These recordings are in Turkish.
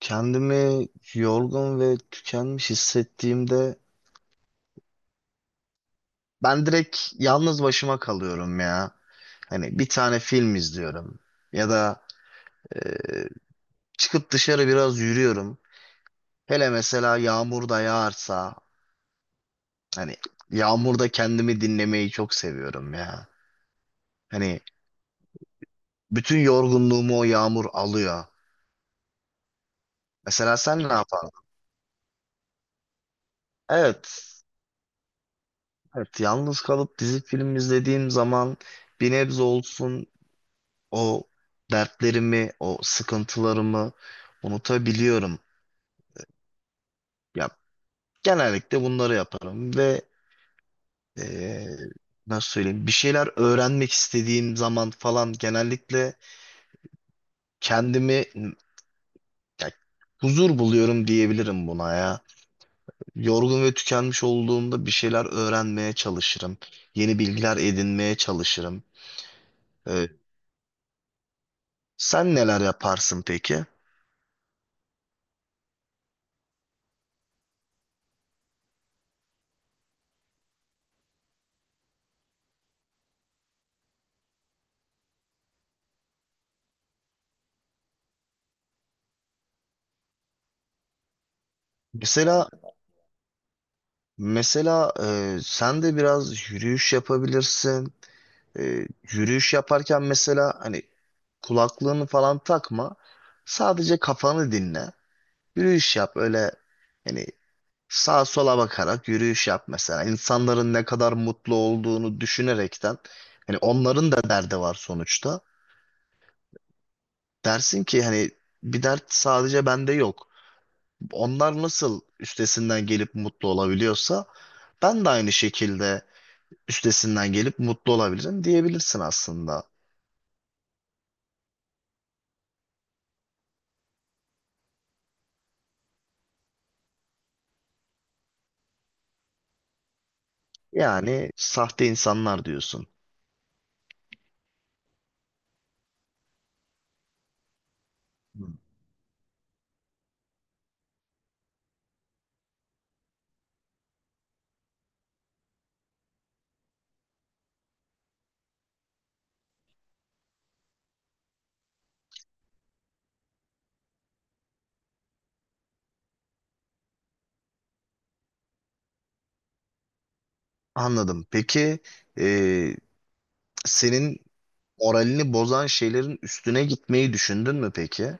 Kendimi yorgun ve tükenmiş hissettiğimde ben direkt yalnız başıma kalıyorum ya. Hani bir tane film izliyorum ya da e, çıkıp dışarı biraz yürüyorum. Hele mesela yağmur da yağarsa hani yağmurda kendimi dinlemeyi çok seviyorum ya. Hani bütün yorgunluğumu o yağmur alıyor. Mesela sen ne yapardın? Evet. Evet, yalnız kalıp dizi film izlediğim zaman bir nebze olsun o dertlerimi, o sıkıntılarımı unutabiliyorum. Ya genellikle bunları yaparım ve eee, nasıl söyleyeyim bir şeyler öğrenmek istediğim zaman falan genellikle kendimi ya, huzur buluyorum diyebilirim buna ya. Yorgun ve tükenmiş olduğumda bir şeyler öğrenmeye çalışırım. Yeni bilgiler edinmeye çalışırım. Eee, Sen neler yaparsın peki? Mesela Mesela, sen de biraz yürüyüş yapabilirsin. E, Yürüyüş yaparken mesela hani kulaklığını falan takma. Sadece kafanı dinle. Yürüyüş yap öyle hani sağa sola bakarak yürüyüş yap mesela. İnsanların ne kadar mutlu olduğunu düşünerekten hani onların da derdi var sonuçta. Dersin ki hani bir dert sadece bende yok. Onlar nasıl üstesinden gelip mutlu olabiliyorsa ben de aynı şekilde üstesinden gelip mutlu olabilirim diyebilirsin aslında. Yani sahte insanlar diyorsun. Hı. Anladım. Peki e, senin moralini bozan şeylerin üstüne gitmeyi düşündün mü peki?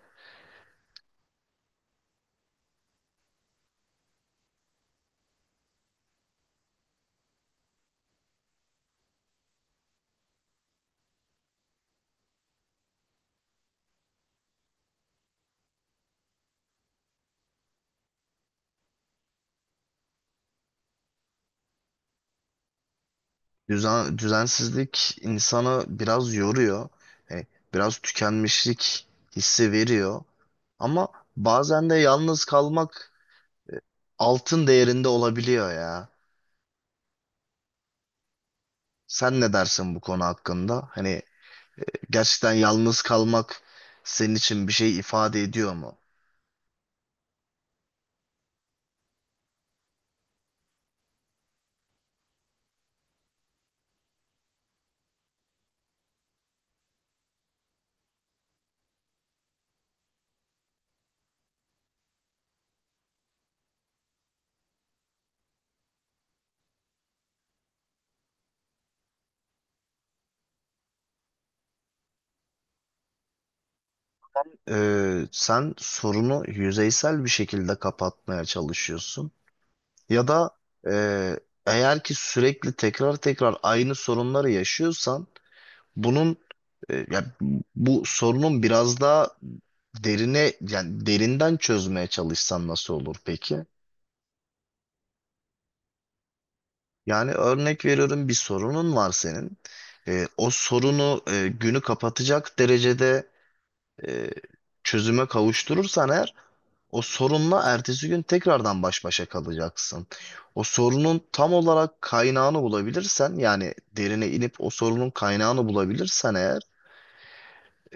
Düzen, düzensizlik insanı biraz yoruyor. E, biraz tükenmişlik hissi veriyor. Ama bazen de yalnız kalmak altın değerinde olabiliyor ya. Sen ne dersin bu konu hakkında? Hani gerçekten yalnız kalmak senin için bir şey ifade ediyor mu? Sen sorunu yüzeysel bir şekilde kapatmaya çalışıyorsun. Ya da e, eğer ki sürekli tekrar tekrar aynı sorunları yaşıyorsan bunun e, ya bu sorunun biraz daha derine yani derinden çözmeye çalışsan nasıl olur peki? Yani örnek veriyorum bir sorunun var senin. O sorunu günü kapatacak derecede e, çözüme kavuşturursan eğer o sorunla ertesi gün tekrardan baş başa kalacaksın. O sorunun tam olarak kaynağını bulabilirsen yani derine inip o sorunun kaynağını bulabilirsen eğer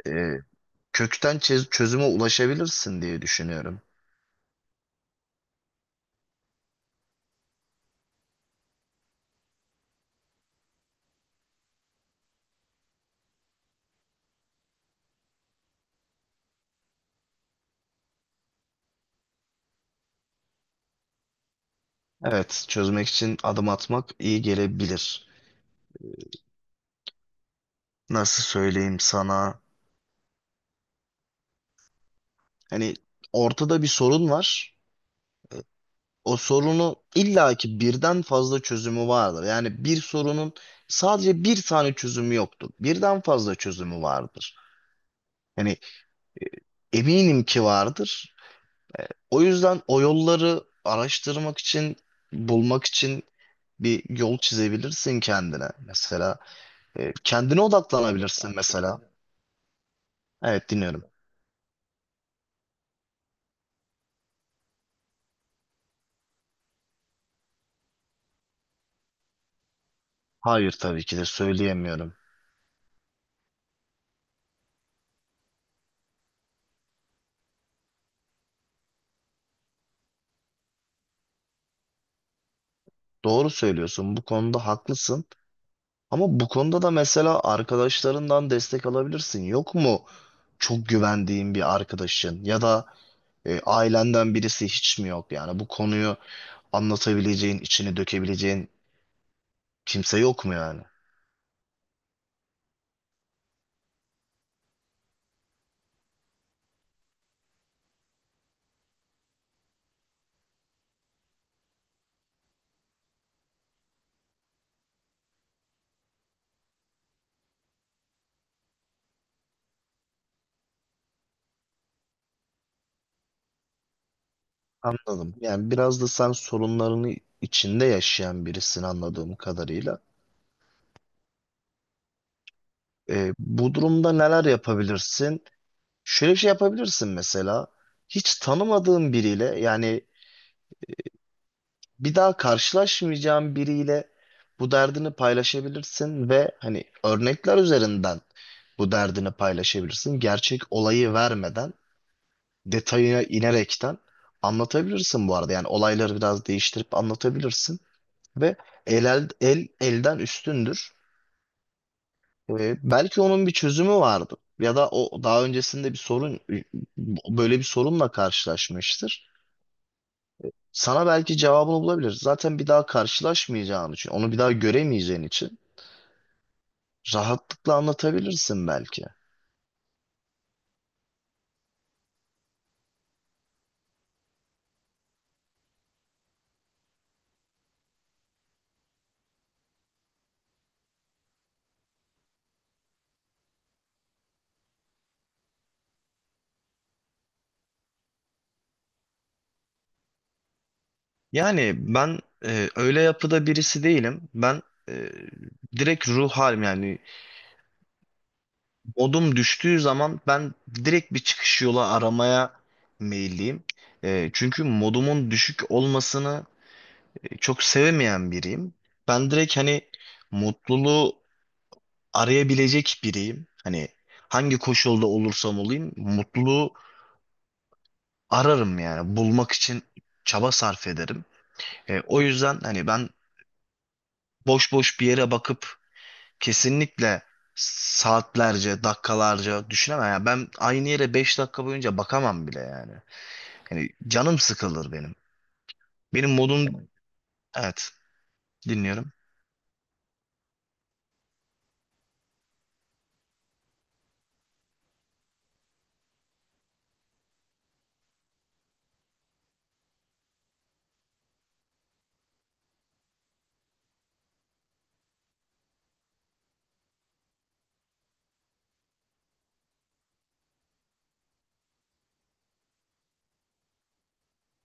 e, kökten çözüme ulaşabilirsin diye düşünüyorum. Evet, çözmek için adım atmak iyi gelebilir. Nasıl söyleyeyim sana? Hani ortada bir sorun var. O sorunu illaki birden fazla çözümü vardır. Yani bir sorunun sadece bir tane çözümü yoktur. Birden fazla çözümü vardır. Hani. Eminim ki vardır. O yüzden o yolları araştırmak için, bulmak için bir yol çizebilirsin kendine. Mesela kendine odaklanabilirsin mesela. Evet, dinliyorum. Hayır, tabii ki de söyleyemiyorum. Doğru söylüyorsun. Bu konuda haklısın. Ama bu konuda da mesela arkadaşlarından destek alabilirsin. Yok mu çok güvendiğin bir arkadaşın ya da ailenden birisi hiç mi yok? Yani bu konuyu anlatabileceğin, içini dökebileceğin kimse yok mu yani? Anladım. Yani biraz da sen sorunlarını içinde yaşayan birisin anladığım kadarıyla. Bu durumda neler yapabilirsin? Şöyle bir şey yapabilirsin mesela. Hiç tanımadığın biriyle yani bir daha karşılaşmayacağın biriyle bu derdini paylaşabilirsin ve hani örnekler üzerinden bu derdini paylaşabilirsin. Gerçek olayı vermeden detayına inerekten anlatabilirsin bu arada. Yani olayları biraz değiştirip anlatabilirsin. Ve el elden üstündür. Belki onun bir çözümü vardı. Ya da o daha öncesinde bir sorun böyle bir sorunla karşılaşmıştır. Sana belki cevabını bulabilir. Zaten bir daha karşılaşmayacağın için, onu bir daha göremeyeceğin için rahatlıkla anlatabilirsin belki. Yani ben öyle yapıda birisi değilim. Ben e, direkt ruh halim yani modum düştüğü zaman ben direkt bir çıkış yolu aramaya meyilliyim. Çünkü modumun düşük olmasını çok sevemeyen biriyim. Ben direkt hani mutluluğu arayabilecek biriyim. Hani hangi koşulda olursam olayım mutluluğu ararım yani bulmak için çaba sarf ederim. O yüzden hani ben boş boş bir yere bakıp kesinlikle saatlerce, dakikalarca düşünemem. Yani ben aynı yere 5 dakika boyunca bakamam bile yani. Yani canım sıkılır benim. Benim modum Evet, dinliyorum.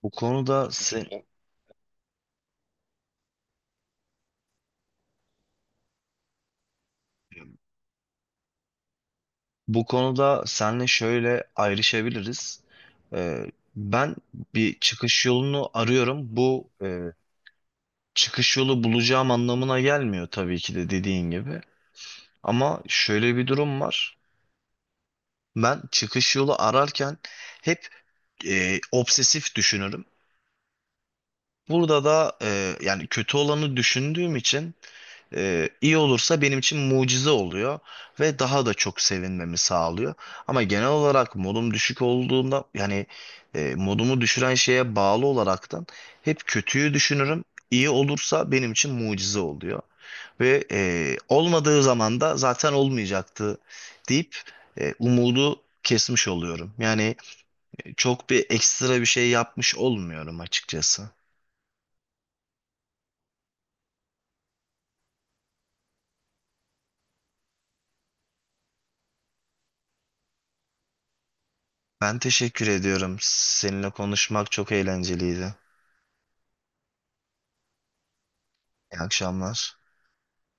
Bu konuda sen, Bu konuda senle şöyle ayrışabiliriz. Ben bir çıkış yolunu arıyorum. Bu çıkış yolu bulacağım anlamına gelmiyor tabii ki de dediğin gibi. Ama şöyle bir durum var. Ben çıkış yolu ararken hep obsesif düşünürüm. Burada da yani kötü olanı düşündüğüm için iyi olursa benim için mucize oluyor ve daha da çok sevinmemi sağlıyor. Ama genel olarak modum düşük olduğunda yani modumu düşüren şeye bağlı olaraktan hep kötüyü düşünürüm. İyi olursa benim için mucize oluyor. Ve olmadığı zaman da zaten olmayacaktı deyip umudu kesmiş oluyorum. Yani çok bir ekstra bir şey yapmış olmuyorum açıkçası. Ben teşekkür ediyorum. Seninle konuşmak çok eğlenceliydi. İyi akşamlar.